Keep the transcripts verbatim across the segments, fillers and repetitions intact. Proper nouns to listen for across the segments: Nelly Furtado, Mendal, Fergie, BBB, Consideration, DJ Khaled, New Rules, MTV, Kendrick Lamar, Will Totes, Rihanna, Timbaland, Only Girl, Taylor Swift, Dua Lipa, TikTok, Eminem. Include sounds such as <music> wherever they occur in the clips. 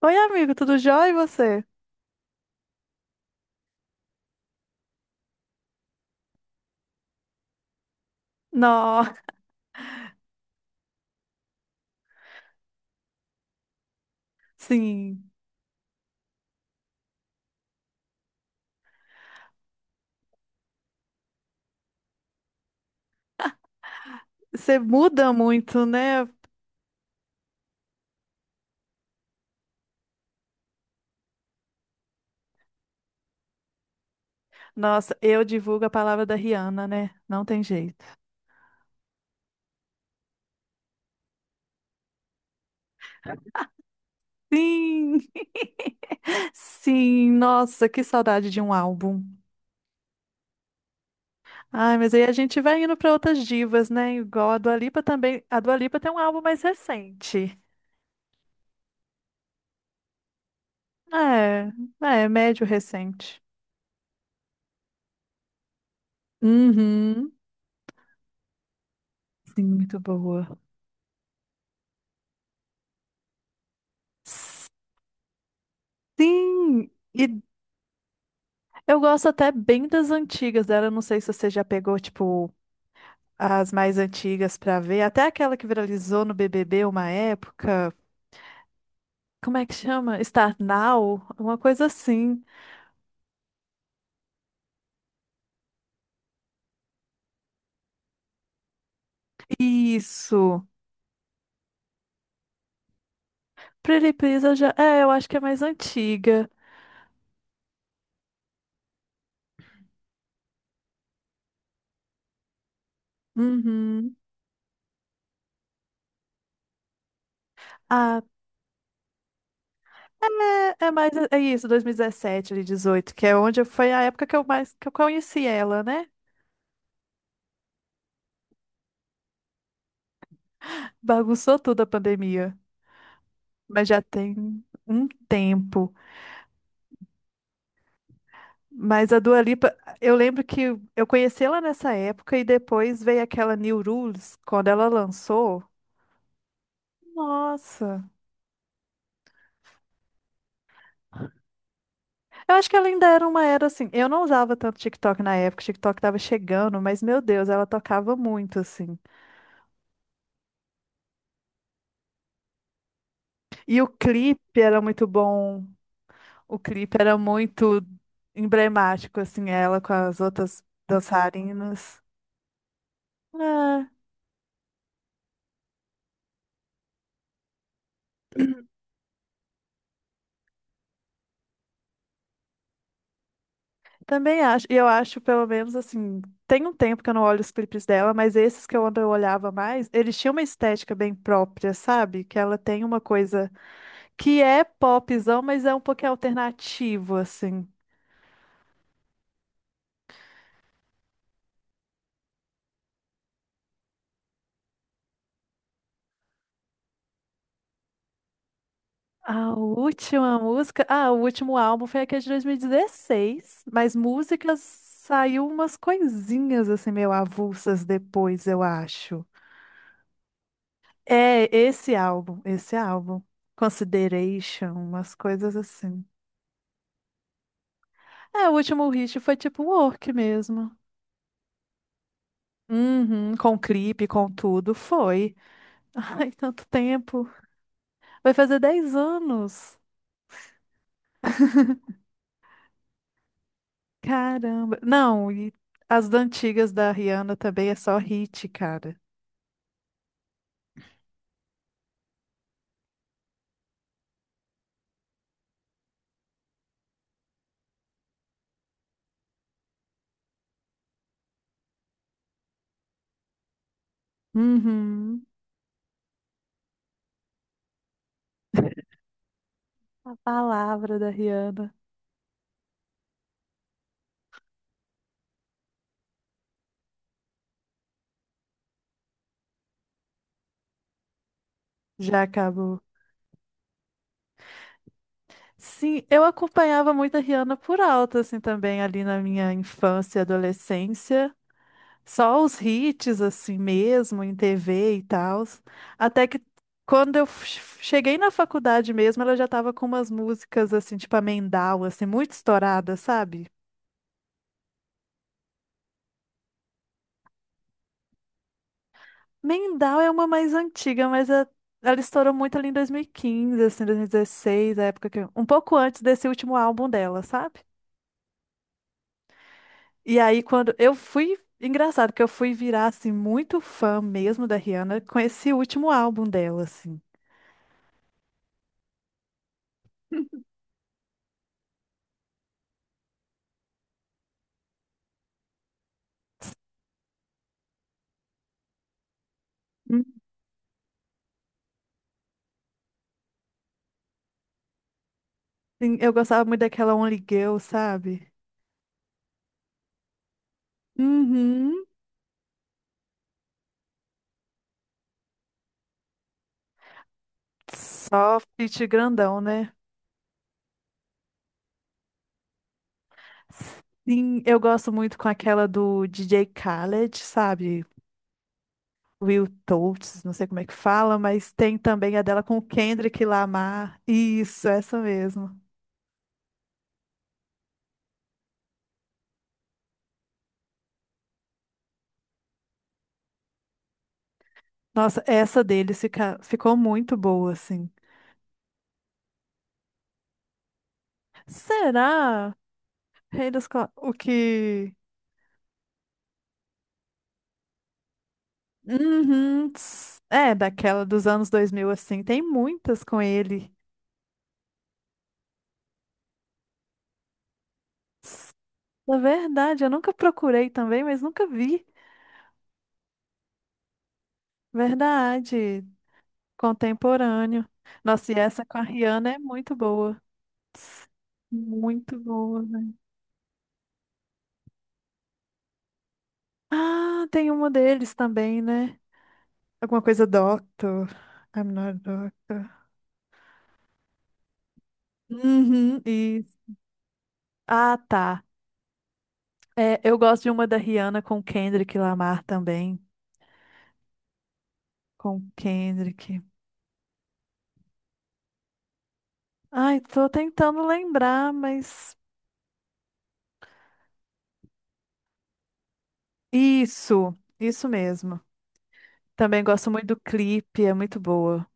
Oi, amigo, tudo jóia e você? Nossa, <laughs> sim, você muda muito, né? Nossa, eu divulgo a palavra da Rihanna, né? Não tem jeito. Sim, <laughs> sim, nossa, que saudade de um álbum. Ai, mas aí a gente vai indo para outras divas, né? Igual a Dua Lipa também. A Dua Lipa tem um álbum mais recente. É, é, médio recente. Uhum. Sim, muito boa. Sim, e Eu gosto até bem das antigas dela. Eu Não sei se você já pegou, tipo, as mais antigas pra ver. Até aquela que viralizou no B B B uma época. Como é que chama? Start Now? Uma coisa assim. Isso. Pretty Please, eu já... É, eu acho que é mais antiga. Uhum. Ah, é, é mais... É isso, dois mil e dezessete ali, dezoito, que é onde eu- foi a época que eu mais... que eu conheci ela, né? Bagunçou tudo a pandemia. Mas já tem um tempo. Mas a Dua Lipa, eu lembro que eu conheci ela nessa época e depois veio aquela New Rules, quando ela lançou. Nossa! Eu acho que ela ainda era uma era assim. Eu não usava tanto TikTok na época, o TikTok tava chegando, mas meu Deus, ela tocava muito assim. E o clipe era muito bom. O clipe era muito emblemático assim, ela com as outras dançarinas. Também acho, e eu acho, pelo menos assim, tem um tempo que eu não olho os clipes dela, mas esses que eu ando eu olhava mais, eles tinham uma estética bem própria, sabe? Que ela tem uma coisa que é popzão, mas é um pouquinho alternativo, assim. A última música, ah, o último álbum foi aquele de dois mil e dezesseis, mas músicas saiu umas coisinhas assim meio avulsas depois, eu acho. É esse álbum, esse álbum. Consideration, umas coisas assim. É, o último hit foi tipo work mesmo. Uhum, com clipe, com tudo, foi. <laughs> Ai, tanto tempo. Vai fazer dez anos. <laughs> Caramba. Não, e as da antigas da Rihanna também é só hit, cara. Uhum. A palavra da Rihanna já acabou. Sim, eu acompanhava muito a Rihanna por alto, assim, também ali na minha infância e adolescência. Só os hits, assim mesmo, em T V e tal. Até que quando eu f- cheguei na faculdade mesmo, ela já tava com umas músicas, assim, tipo a Mendal, assim, muito estourada, sabe? Mendal é uma mais antiga, mas a- ela estourou muito ali em dois mil e quinze, assim, dois mil e dezesseis, a época que... eu- Um pouco antes desse último álbum dela, sabe? E aí, quando eu fui... Engraçado que eu fui virar, assim, muito fã mesmo da Rihanna com esse último álbum dela, assim. Sim, eu gostava muito daquela Only Girl, sabe? Uhum. Só feat grandão, né? Sim, eu gosto muito com aquela do D J Khaled, sabe? Will Totes, não sei como é que fala, mas tem também a dela com o Kendrick Lamar. Isso, essa mesmo. Nossa, essa deles fica, ficou muito boa, assim. Será? Rei dos Co- O que. Uhum. tss, É, daquela dos anos dois mil assim. Tem muitas com ele. Na verdade, eu nunca procurei também, mas nunca vi. Verdade, contemporâneo. Nossa, e essa com a Rihanna é muito boa. Ps, Muito boa, né? Ah, tem uma deles também, né? Alguma coisa Doctor. I'm not a doctor. Uhum, isso. Ah, tá. É, eu gosto de uma da Rihanna com o Kendrick Lamar também. Com o Kendrick. Ai, tô tentando lembrar, mas. Isso, isso mesmo. Também gosto muito do clipe, é muito boa.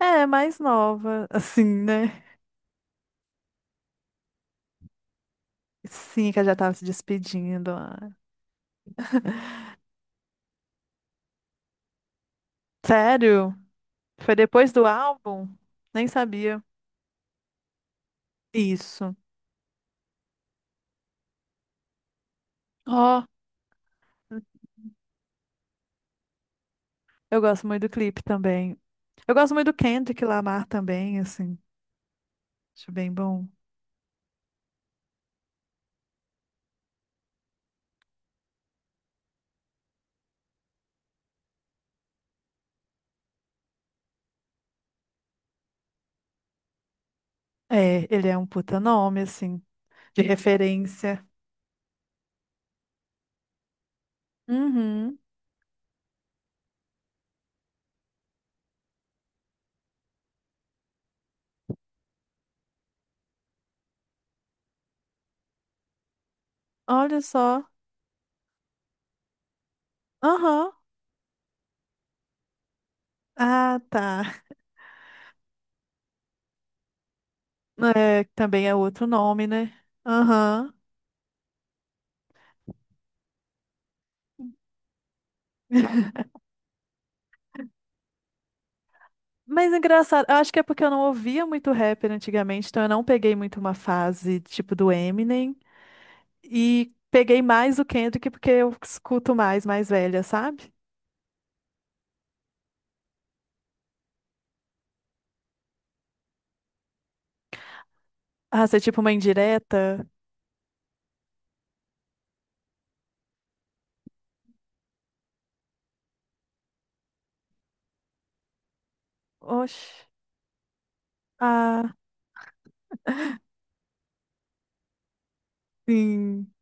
É, é mais nova, <laughs> assim, né? Sim, que ela já tava se despedindo. ah. Sério? Foi depois do álbum? Nem sabia. Isso. Ó, eu gosto muito do clipe também. Eu gosto muito do Kendrick Lamar também, assim. Acho bem bom. É, ele é um puta nome, assim, de referência. Uhum. Olha só. Aham. Ah, tá. É, também é outro nome, né? Aham. <laughs> Mas é engraçado, eu acho que é porque eu não ouvia muito rapper antigamente, então eu não peguei muito uma fase tipo do Eminem e peguei mais o Kendrick porque eu escuto mais, mais velha, sabe? Ah, ser tipo uma indireta? Oxe. Ah, sim,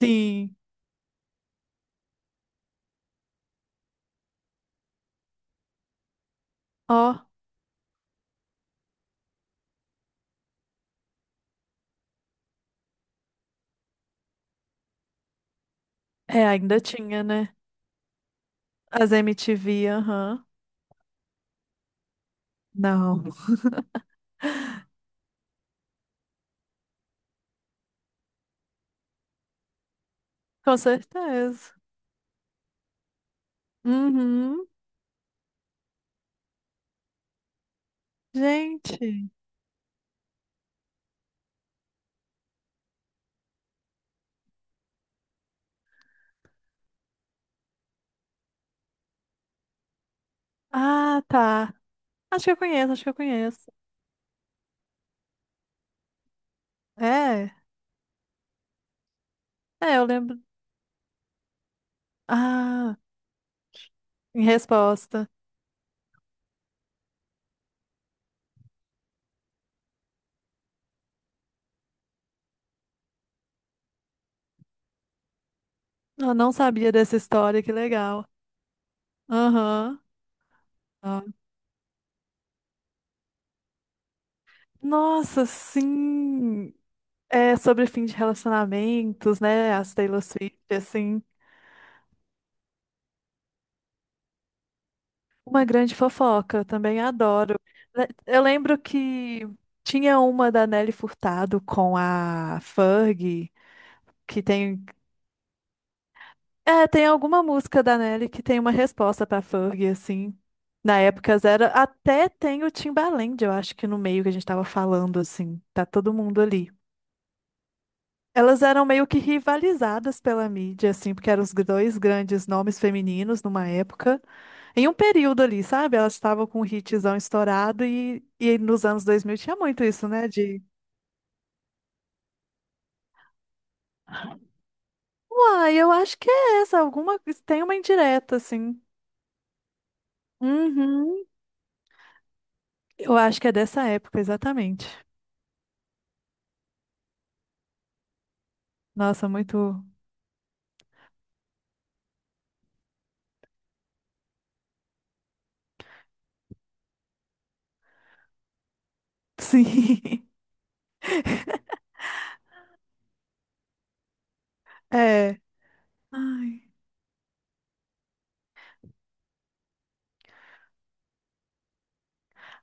sim. Ó, é, ainda tinha, né? As M T V, aham. Não. Com certeza. Uhum. Gente. Ah, tá. Acho que eu conheço, acho que eu conheço. É, é, eu lembro. Ah. Em resposta. Eu não sabia dessa história, que legal. Aham. Ah. Nossa, sim! É sobre fim de relacionamentos, né? As Taylor Swift, assim. Uma grande fofoca, eu também adoro. Le- Eu lembro que tinha uma da Nelly Furtado com a Fergie, que tem. É, tem alguma música da Nelly que tem uma resposta pra Fergie, assim. Na época zero, até tem o Timbaland, eu acho que no meio que a gente tava falando, assim. Tá todo mundo ali. Elas eram meio que rivalizadas pela mídia, assim, porque eram os dois grandes nomes femininos numa época. Em um período ali, sabe? Elas estavam com o hitzão estourado e, e nos anos dois mil tinha muito isso, né? De, uai, eu acho que é essa, alguma, tem uma indireta, assim. Uhum, eu acho que é dessa época, exatamente. Nossa, muito. Sim. <laughs> É. Ai.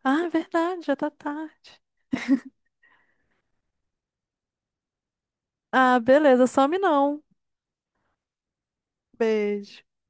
Ah, é verdade, já tá tarde. Ah, beleza, some não. Beijo.